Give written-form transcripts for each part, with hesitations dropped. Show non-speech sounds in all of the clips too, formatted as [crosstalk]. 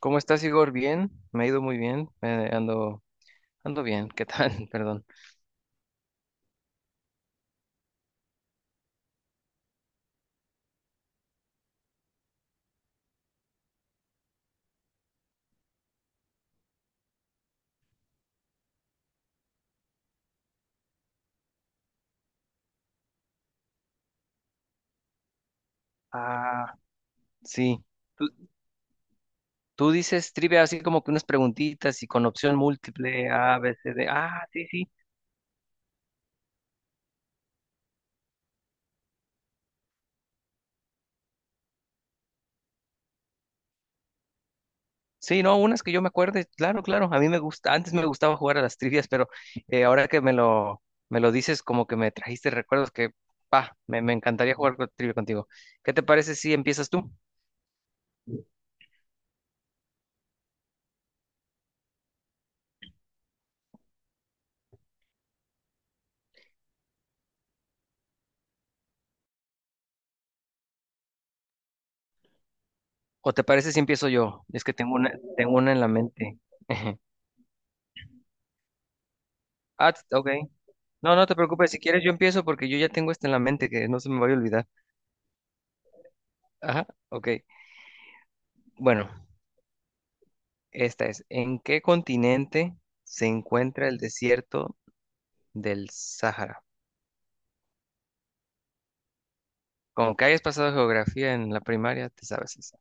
¿Cómo estás, Igor? Bien, me ha ido muy bien, ando bien, ¿qué tal? [laughs] Perdón. Ah, sí. Tú, tú dices trivia así como que unas preguntitas y con opción múltiple, A, B, C, D. Ah, sí, sí. Sí, no, unas que yo me acuerde, claro, claro. A mí me gusta, antes me gustaba jugar a las trivias, pero ahora que me lo dices, como que me trajiste recuerdos que, me encantaría jugar trivia contigo. ¿Qué te parece si empiezas tú? ¿O te parece si empiezo yo? Es que tengo una en la mente. [laughs] Ah, ok. No, no te preocupes, si quieres yo empiezo porque yo ya tengo esta en la mente que no se me vaya a olvidar. Ajá, ok. Bueno, esta es, ¿en qué continente se encuentra el desierto del Sahara? Como que hayas pasado geografía en la primaria, te sabes eso.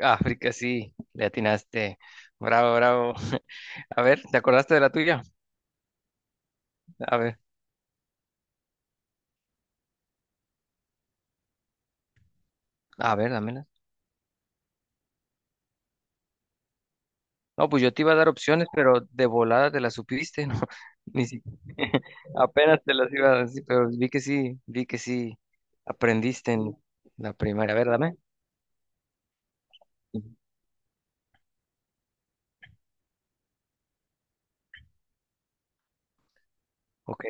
África, sí, le atinaste. Bravo, bravo. [laughs] A ver, ¿te acordaste de la tuya? A ver, a ver, dámela. No, pues yo te iba a dar opciones, pero de volada te las supiste, ¿no? [laughs] Ni si... [laughs] Apenas te las iba a decir, pero vi que sí aprendiste en la primaria. A ver, dame. Ok.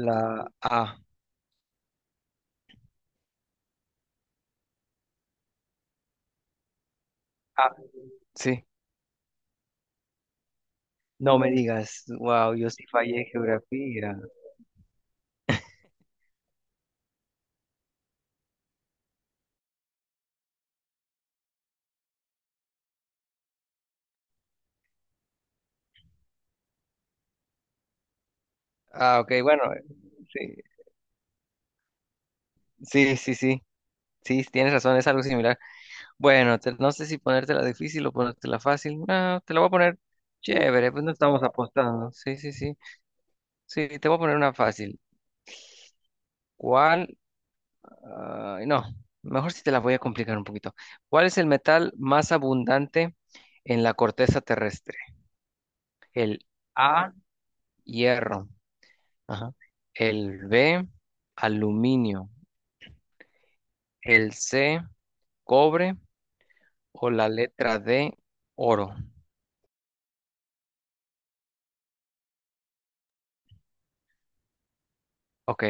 La A. Ah, sí. No me digas. Wow, yo sí fallé geografía. Ah, ok, bueno, sí, sí, sí, sí. Sí, tienes razón, es algo similar. Bueno, no sé si ponértela difícil o ponértela fácil. No, te la voy a poner chévere, pues no estamos apostando. Sí, sí, sí. Sí, te voy a poner una fácil. ¿Cuál? No, mejor si te la voy a complicar un poquito. ¿Cuál es el metal más abundante en la corteza terrestre? El A, hierro. Ajá. El B, aluminio. El C, cobre. O la letra D, oro. Ok,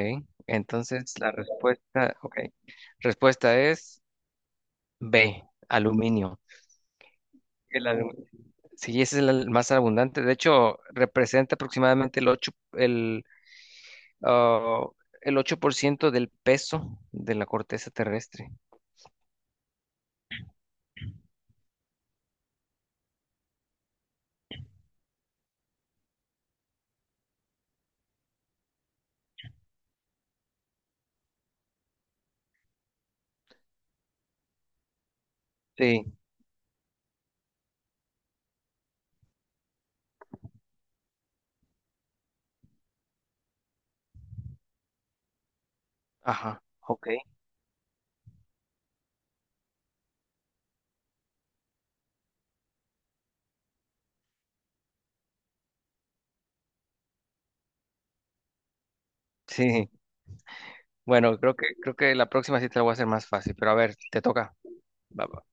entonces la respuesta, ok. Respuesta es B, aluminio. El aluminio. Sí, ese es el más abundante. De hecho, representa aproximadamente ah, el 8% del peso de la corteza terrestre. Sí, ajá, ok. Sí, bueno, creo que la próxima sí te la voy a hacer más fácil, pero a ver, te toca. Va, va.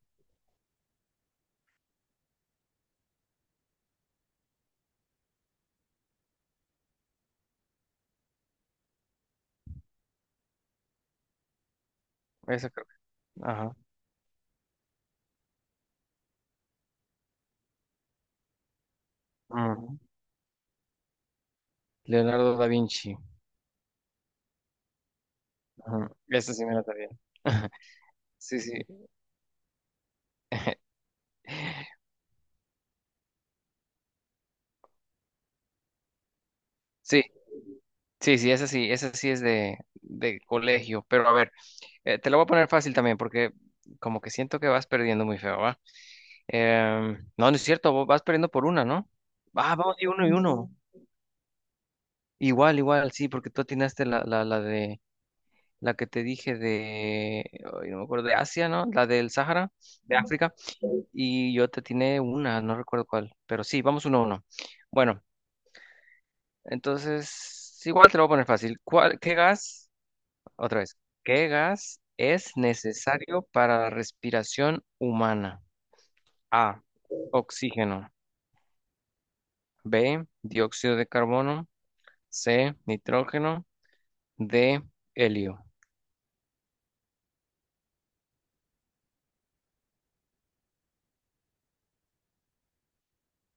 Esa creo que- Ajá. Ujú. Leonardo da Vinci. Ajá. Esa sí me la sabía. [laughs] Sí, sí. Sí, sí, sí, esa sí es de colegio, pero a ver, te lo voy a poner fácil también porque como que siento que vas perdiendo muy feo, ¿va? No, no es cierto, vos vas perdiendo por una, ¿no? Ah, vamos, y uno y uno. Mm. Igual, igual, sí, porque tú atinaste la, de la que te dije de, ay, no me acuerdo, de Asia, ¿no? La del Sahara de Ujú. África, y yo te atiné una, no recuerdo cuál, pero sí, vamos uno a uno. Bueno, entonces, igual te lo voy a poner fácil. ¿Cuál, qué gas? Otra vez, ¿qué gas es necesario para la respiración humana? A, oxígeno. B, dióxido de carbono. C, nitrógeno. D, helio. [laughs]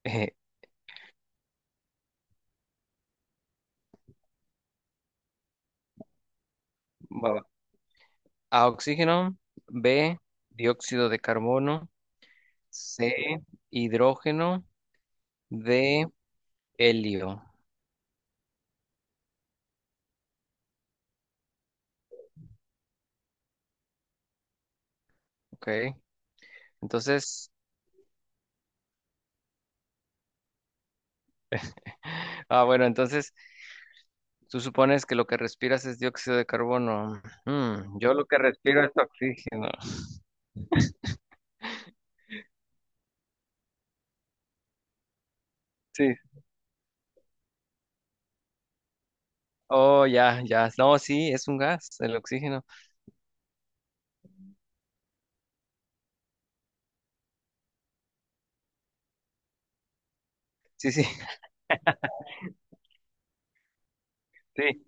Eh, va- A, oxígeno. B, dióxido de carbono. C, hidrógeno. D, helio. Ok. Entonces, [laughs] bueno, entonces tú supones que lo que respiras es dióxido de carbono. Yo lo que respiro es oxígeno. [laughs] Sí. Oh, ya, ya. No, sí, es un gas, el oxígeno. Sí, sí, [laughs] sí.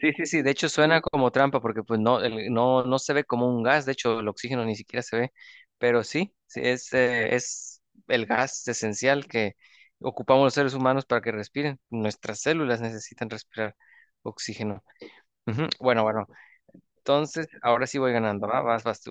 Sí, sí, sí, de hecho suena como trampa porque pues no, no, no se ve como un gas, de hecho el oxígeno ni siquiera se ve, pero sí, sí, es el gas esencial que ocupamos los seres humanos para que respiren, nuestras células necesitan respirar oxígeno. Ujú, bueno, bueno, entonces ahora sí voy ganando, ¿va? Vas tú.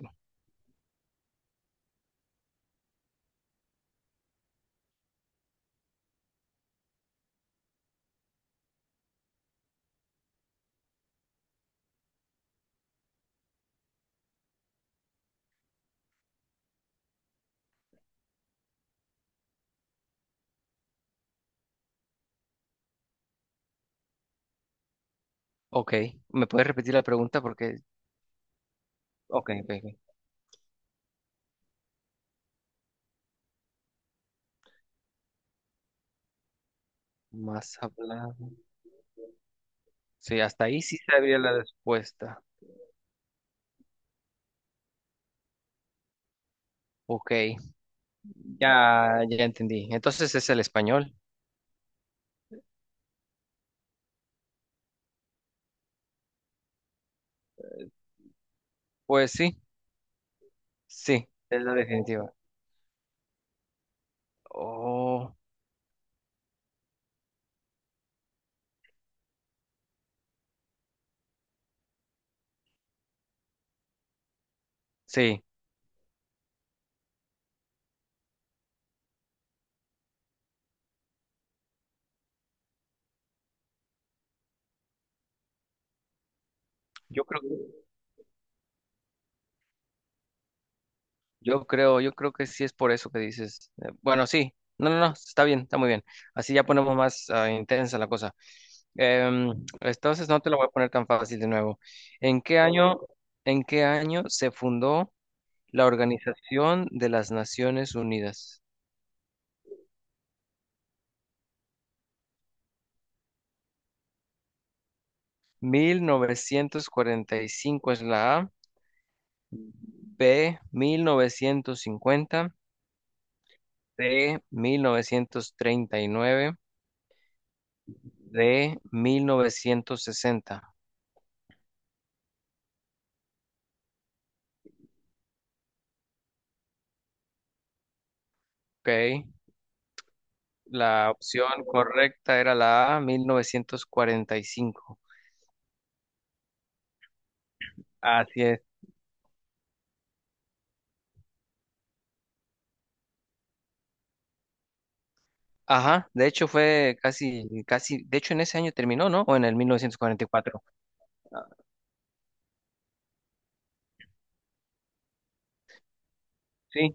Ok, ¿me puedes repetir la pregunta? Porque, ok, ok, ok. Más hablado. Sí, hasta ahí sí sabía la respuesta. Ok, ya, ya entendí. Entonces es el español. Pues sí. Sí, es la definitiva. Oh, sí, yo creo, yo creo que sí es por eso que dices. Bueno, sí, no, no, no, está bien, está muy bien. Así ya ponemos más intensa la cosa. Entonces no te lo voy a poner tan fácil de nuevo. ¿En qué año, en qué año se fundó la Organización de las Naciones Unidas? 1945 es la A, B, 1950. De 1939, de 1960. Ok, la opción correcta era la A, 1945. Así es. Ajá, de hecho fue casi, casi, de hecho en ese año terminó, ¿no? O en el 1944. Sí,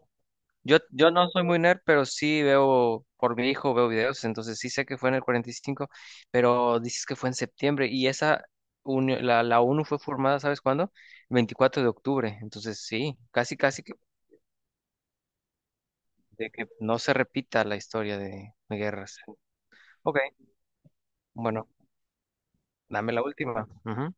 yo no soy muy nerd, pero sí veo, por mi hijo veo videos, entonces sí sé que fue en el 45, pero dices que fue en septiembre y esa, la ONU fue formada, ¿sabes cuándo? El 24 de octubre, entonces sí, casi, casi que, de que no se repita la historia de guerras. Ok, bueno, dame la última. Ujú.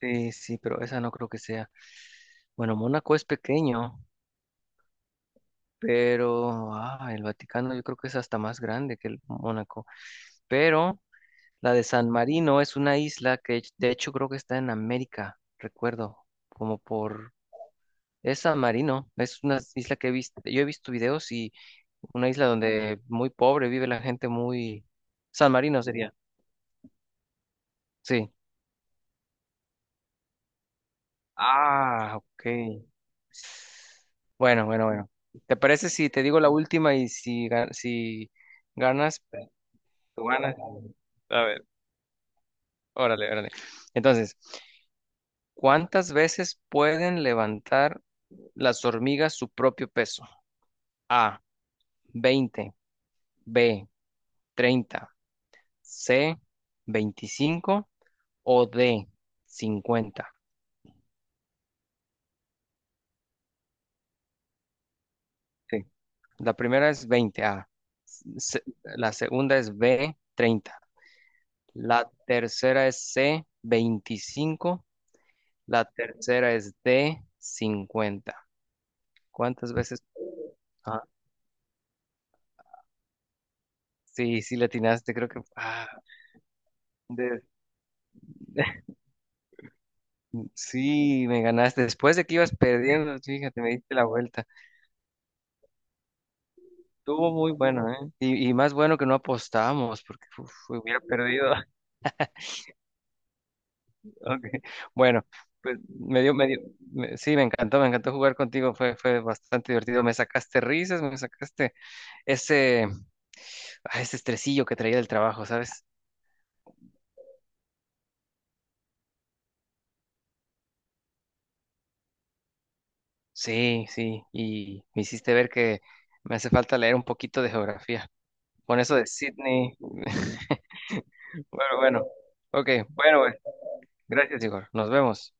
Sí, sí, pero esa no creo que sea. Bueno, Mónaco es pequeño, pero el Vaticano yo creo que es hasta más grande que el Mónaco, pero... La de San Marino es una isla que de hecho creo que está en América, recuerdo, como por... Es San Marino, es una isla que he visto, yo he visto videos y una isla donde muy pobre vive la gente muy... San Marino sería, sí. Ah, ok. Bueno, bueno, bueno. ¿Te parece si te digo la última y si ganas? Tú ganas. A ver, órale, órale. Entonces... ¿Cuántas veces pueden levantar las hormigas su propio peso? A, 20. B, 30. C, 25. O D, 50. Sí. La primera es 20. A. La segunda es B, 30. La tercera es C, 25. La tercera es D, 50. ¿Cuántas veces? Ah, sí, sí, le atinaste, creo que... de- Sí, me ganaste. Después de que ibas perdiendo, fíjate, me diste la vuelta. Estuvo muy bueno, ¿eh? Y más bueno que no apostamos, porque uf, hubiera perdido. [laughs] Ok. Bueno, pues sí, me encantó jugar contigo. Fue bastante divertido. Me sacaste risas, me sacaste ese, ese estresillo que traía del trabajo, ¿sabes? Sí, sí. Y me hiciste ver que me hace falta leer un poquito de geografía. Con eso de Sydney. Bueno, bueno. Ok, bueno. Gracias, Igor. Nos vemos.